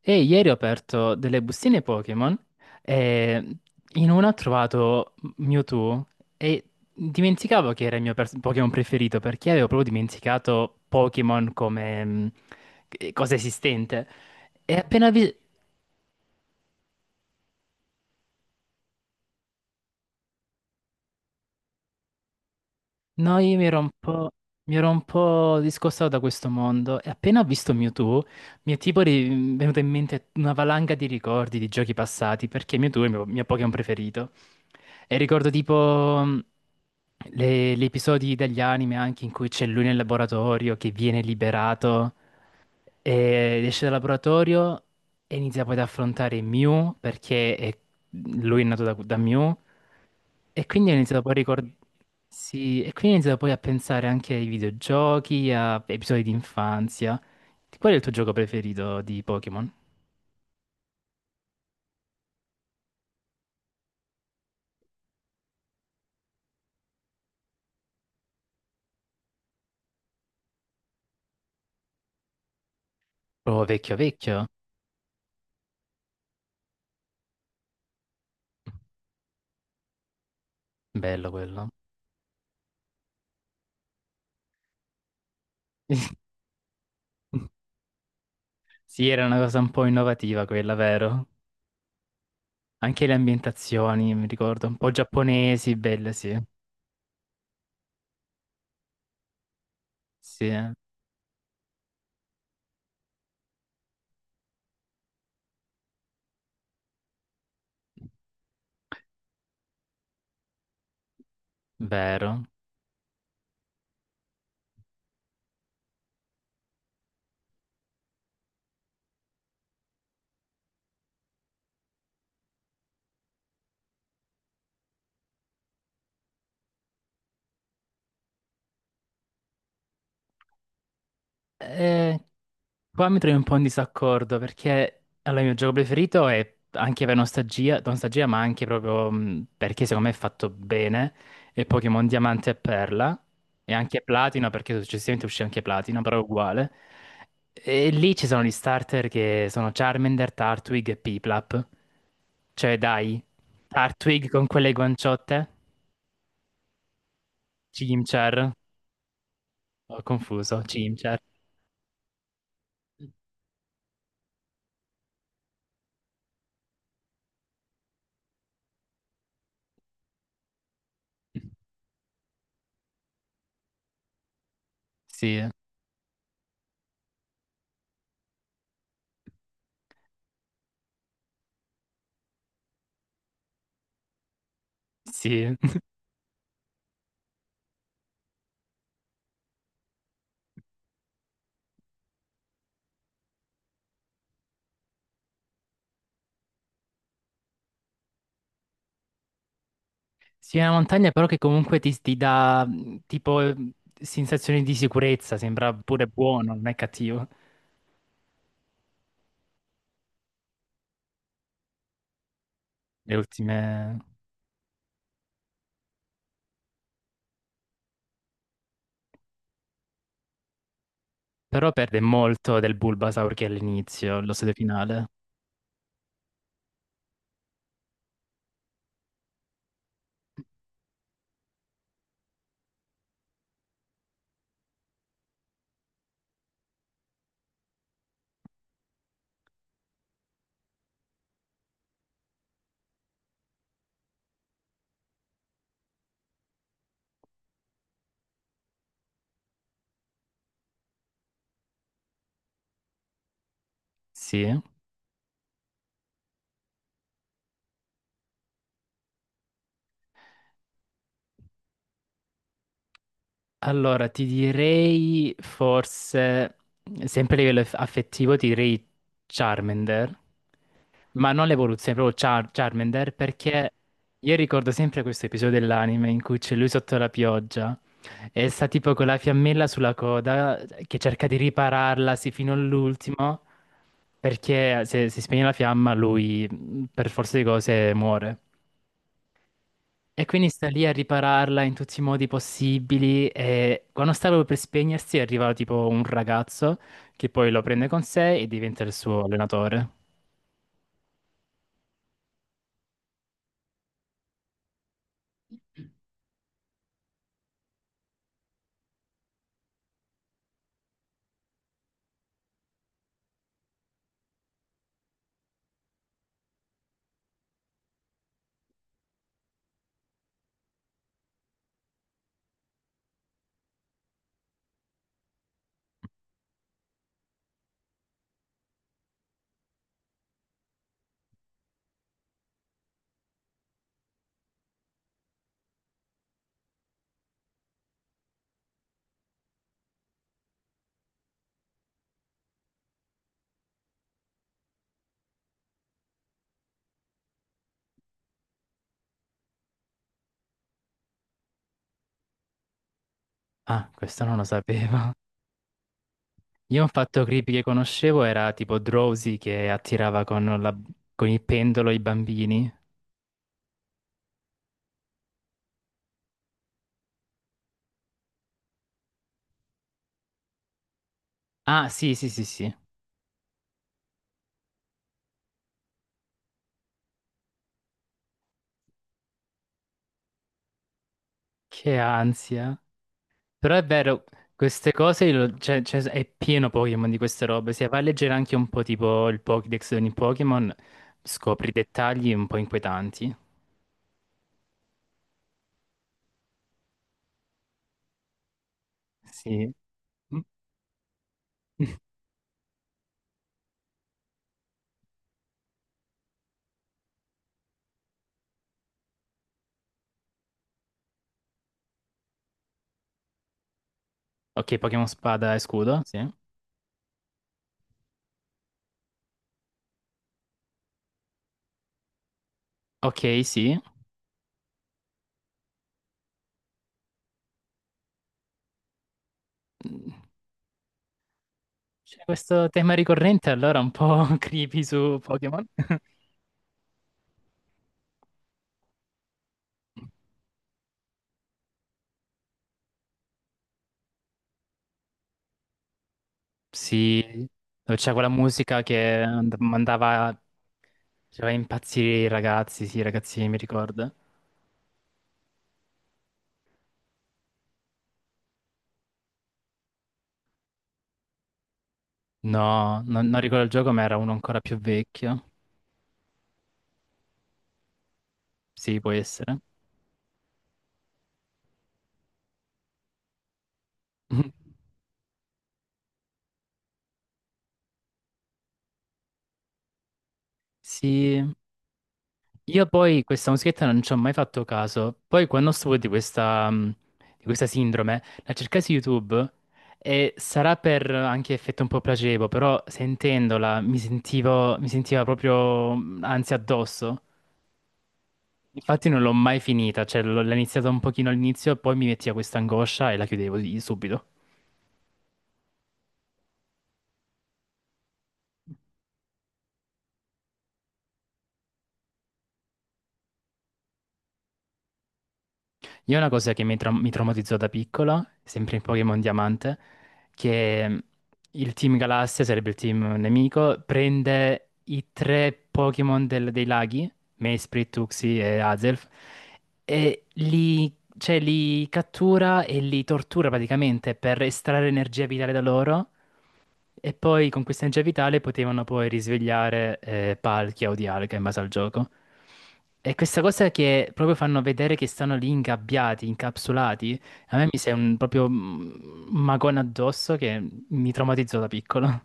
E ieri ho aperto delle bustine Pokémon e in una ho trovato Mewtwo e dimenticavo che era il mio Pokémon preferito perché avevo proprio dimenticato Pokémon come cosa esistente. E appena vi- No, io mi ero un po', mi ero un po' discostato da questo mondo e appena ho visto Mewtwo mi è tipo venuta in mente una valanga di ricordi di giochi passati perché Mewtwo è il mio Pokémon preferito. E ricordo tipo gli episodi degli anime anche in cui c'è lui nel laboratorio che viene liberato. E esce dal laboratorio e inizia poi ad affrontare Mew perché lui è nato da Mew e quindi ha iniziato poi a ricordare sì, e quindi ha iniziato poi a pensare anche ai videogiochi, a episodi di infanzia. Qual è il tuo gioco preferito di Pokémon? Oh, vecchio vecchio? Bello quello. Sì, era una cosa un po' innovativa quella, vero? Anche le ambientazioni, mi ricordo, un po' giapponesi, belle, sì. Sì, vero. Eh, Qua mi trovo un po' in disaccordo perché allora, il mio gioco preferito è anche per nostalgia, nostalgia ma anche proprio perché secondo me è fatto bene, è Pokémon Diamante e Perla e anche Platino perché successivamente uscì anche Platino, però è uguale. E lì ci sono gli starter che sono Charmander, Turtwig e Piplup. Cioè dai, Turtwig con quelle guanciotte, Chimchar, ho confuso, Chimchar. Sì, sì. Sì, è una montagna però che comunque ti dà sensazioni di sicurezza, sembra pure buono, non è cattivo. Le ultime... Però perde molto del Bulbasaur che è all'inizio, lo stadio finale. Sì. Allora, ti direi forse, sempre a livello affettivo, ti direi Charmander, ma non l'evoluzione, proprio Charmander, perché io ricordo sempre questo episodio dell'anime in cui c'è lui sotto la pioggia e sta tipo con la fiammella sulla coda che cerca di ripararla sì, fino all'ultimo, perché se si spegne la fiamma lui per forza di cose muore. E quindi sta lì a ripararla in tutti i modi possibili e quando stava per spegnersi arriva tipo un ragazzo che poi lo prende con sé e diventa il suo allenatore. Ah, questo non lo sapevo. Io un fatto creepy che conoscevo era tipo Drowsy che attirava con il pendolo i bambini. Ah, sì, sì, sì, sì. Che ansia. Però è vero, queste cose cioè, è pieno Pokémon di queste robe. Se vai a leggere anche un po' tipo il Pokédex di ogni Pokémon, scopri dettagli un po' inquietanti. Sì. Mm. Ok, Pokémon Spada e Scudo, sì. Ok, sì. Mm, C'è questo tema ricorrente allora un po' creepy su Pokémon. Sì, dove c'è quella musica che mandava, faceva impazzire i ragazzi, sì, i ragazzini, mi ricordo. No, non ricordo il gioco, ma era uno ancora più vecchio. Sì, può essere. Sì, io poi questa musichetta non ci ho mai fatto caso. Poi quando stuvo di questa sindrome, la cercai su YouTube e sarà per anche effetto un po' placebo, però sentendola mi sentiva proprio ansia addosso. Infatti non l'ho mai finita, l'ho iniziata un pochino all'inizio, poi mi metteva questa angoscia e la chiudevo subito. Io una cosa mi traumatizzò da piccolo, sempre in Pokémon Diamante, che il Team Galassia, sarebbe il team nemico, prende i tre Pokémon dei laghi, Mesprit, Tuxi e Azelf, e li, cioè, li cattura e li tortura praticamente per estrarre energia vitale da loro e poi con questa energia vitale potevano poi risvegliare Palkia o Dialga in base al gioco. E questa cosa che proprio fanno vedere che stanno lì ingabbiati, incapsulati, a me mi sembra un, proprio un magone addosso che mi traumatizzò da piccolo.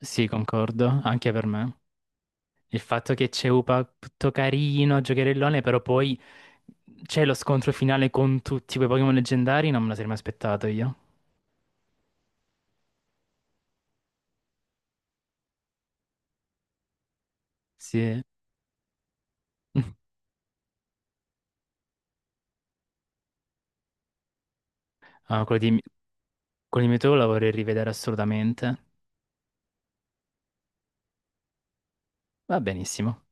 Sì, concordo, anche per me. Il fatto che c'è Upa tutto carino, giocherellone, però poi c'è lo scontro finale con tutti quei Pokémon leggendari, non me lo sarei mai aspettato io. Sì. Ah, quello di Con il meteo la vorrei rivedere assolutamente. Va benissimo.